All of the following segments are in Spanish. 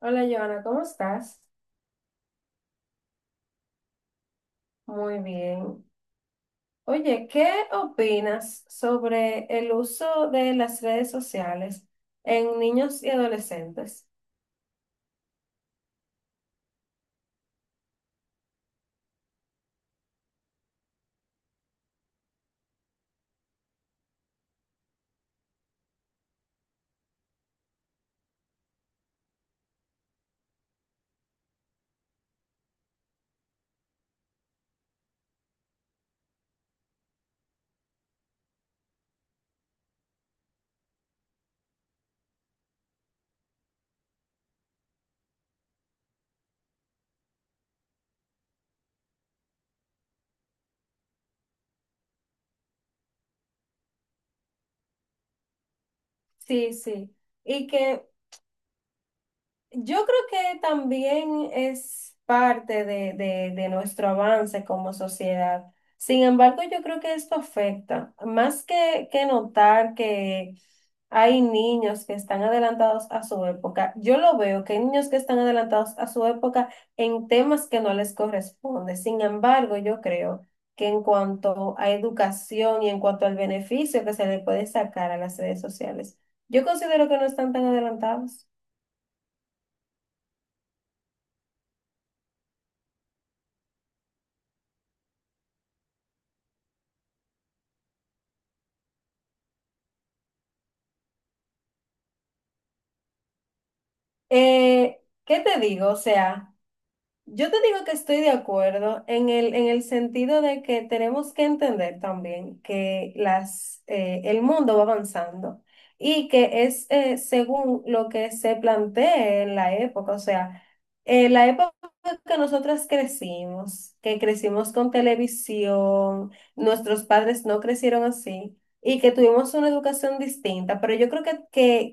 Hola, Joana, ¿cómo estás? Muy bien. Oye, ¿qué opinas sobre el uso de las redes sociales en niños y adolescentes? Sí, sí. Y que Yo creo que también es parte de, de nuestro avance como sociedad. Sin embargo, yo creo que esto afecta. Más que notar que hay niños que están adelantados a su época, yo lo veo, que hay niños que están adelantados a su época en temas que no les corresponde. Sin embargo, yo creo que en cuanto a educación y en cuanto al beneficio que se le puede sacar a las redes sociales, yo considero que no están tan adelantados. ¿Qué te digo? O sea, yo te digo que estoy de acuerdo en el sentido de que tenemos que entender también que el mundo va avanzando y que es según lo que se plantee en la época. O sea, en la época que nosotras crecimos, que crecimos con televisión, nuestros padres no crecieron así y que tuvimos una educación distinta, pero yo creo que,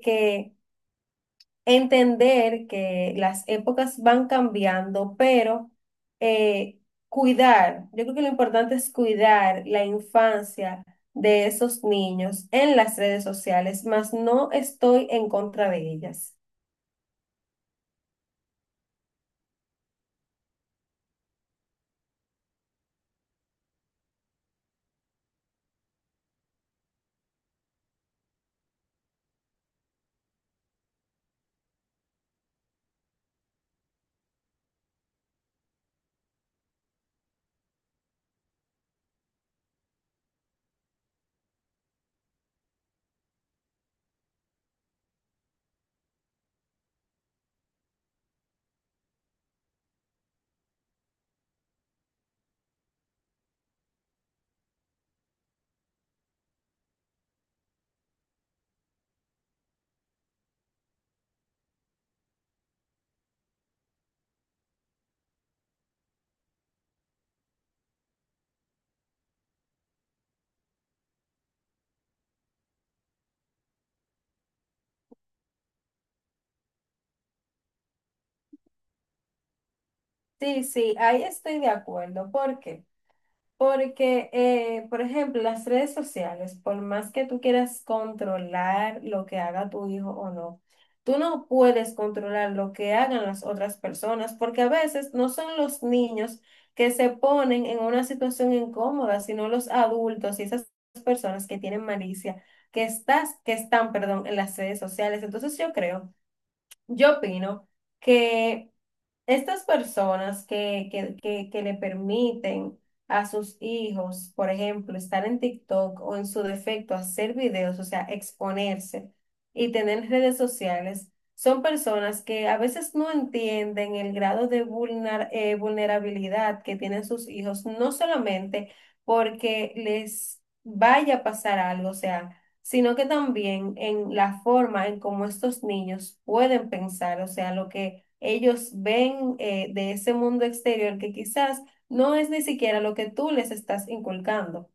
que que entender que las épocas van cambiando, pero eh, cuidar, yo creo que lo importante es cuidar la infancia de esos niños en las redes sociales, mas no estoy en contra de ellas. Sí, sí, ahí estoy de acuerdo. Porque por ejemplo, las redes sociales, por más que tú quieras controlar lo que haga tu hijo o no, tú no puedes controlar lo que hagan las otras personas, porque a veces no son los niños que se ponen en una situación incómoda, sino los adultos y esas personas que tienen malicia, que están, perdón, en las redes sociales. Entonces yo creo, yo opino que estas personas que le permiten a sus hijos, por ejemplo, estar en TikTok o en su defecto hacer videos, o sea, exponerse y tener redes sociales, son personas que a veces no entienden el grado de vulnerabilidad que tienen sus hijos, no solamente porque les vaya a pasar algo, o sea, sino que también en la forma en cómo estos niños pueden pensar, o sea, lo que ellos ven de ese mundo exterior que quizás no es ni siquiera lo que tú les estás inculcando.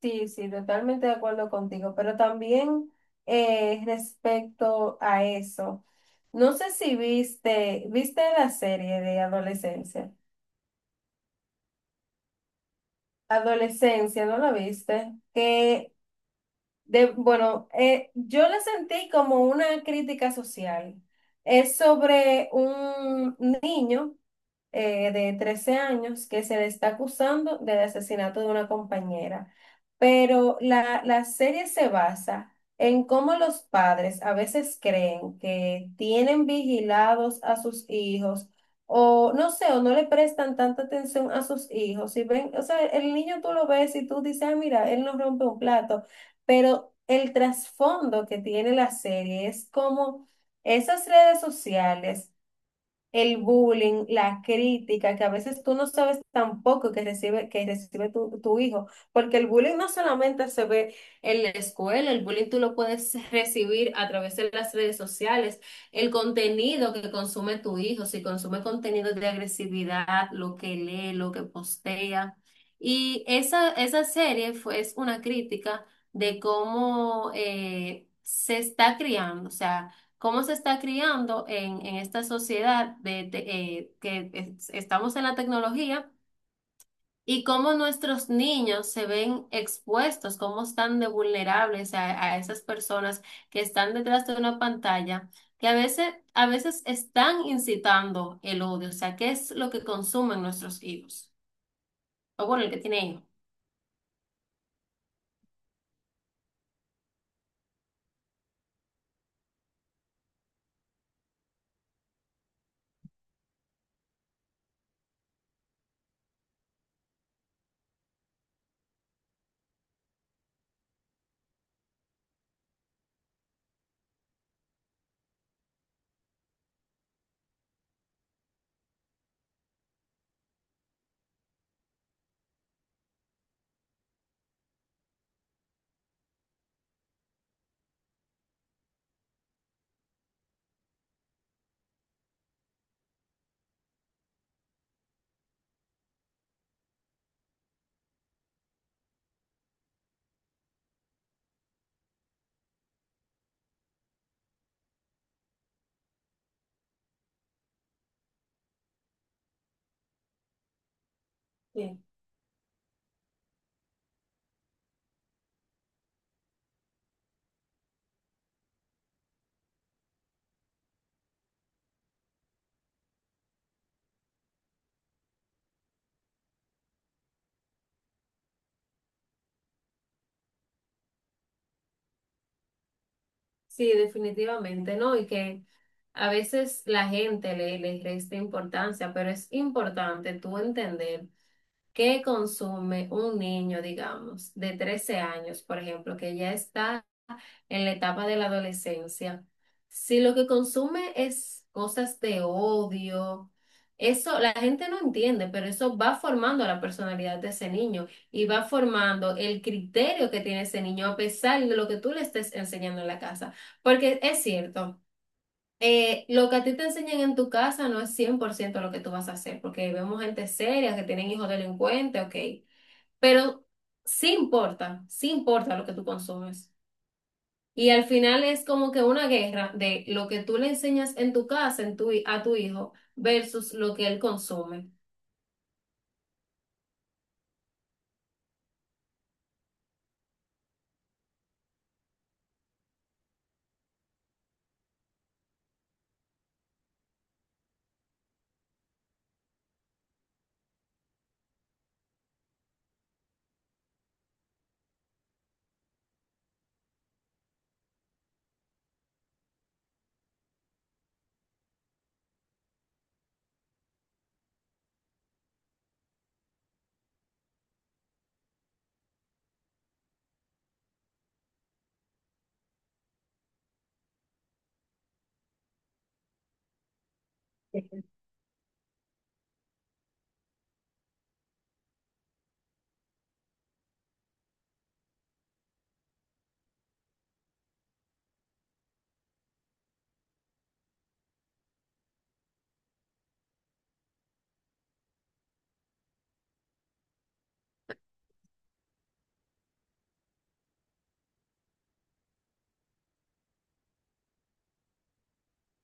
Sí, sí, totalmente de acuerdo contigo, pero también respecto a eso, no sé si viste la serie de adolescencia. Adolescencia, ¿no la viste? Yo la sentí como una crítica social. Es sobre un niño de 13 años que se le está acusando del asesinato de una compañera. Pero la serie se basa en cómo los padres a veces creen que tienen vigilados a sus hijos o no sé, o no le prestan tanta atención a sus hijos. Y ven, o sea, el niño tú lo ves y tú dices, ah, mira, él no rompe un plato, pero el trasfondo que tiene la serie es como esas redes sociales, el bullying, la crítica, que a veces tú no sabes tampoco que recibe tu hijo, porque el bullying no solamente se ve en la escuela, el bullying tú lo puedes recibir a través de las redes sociales, el contenido que consume tu hijo, si consume contenido de agresividad, lo que lee, lo que postea. Y esa serie es una crítica de cómo se está criando, o sea, cómo se está criando en esta sociedad que estamos en la tecnología y cómo nuestros niños se ven expuestos, cómo están de vulnerables a esas personas que están detrás de una pantalla, que a veces están incitando el odio, o sea, qué es lo que consumen nuestros hijos, o bueno, el que tiene hijos. Sí, sí, definitivamente, ¿no? Y que a veces la gente le resta importancia, pero es importante tú entender. ¿Qué consume un niño, digamos, de 13 años, por ejemplo, que ya está en la etapa de la adolescencia? Si lo que consume es cosas de odio, eso la gente no entiende, pero eso va formando la personalidad de ese niño y va formando el criterio que tiene ese niño a pesar de lo que tú le estés enseñando en la casa. Porque es cierto. Lo que a ti te enseñan en tu casa no es 100% lo que tú vas a hacer, porque vemos gente seria que tienen hijos delincuentes, ok, pero sí importa lo que tú consumes. Y al final es como que una guerra de lo que tú le enseñas en tu casa, en tu, a tu hijo, versus lo que él consume.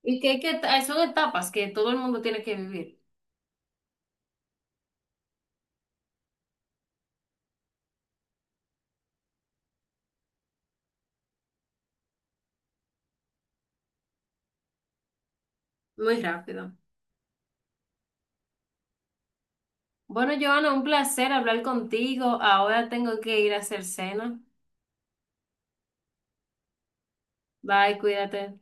Hay que son etapas que todo el mundo tiene que vivir muy rápido. Bueno, Joana, un placer hablar contigo. Ahora tengo que ir a hacer cena. Bye, cuídate.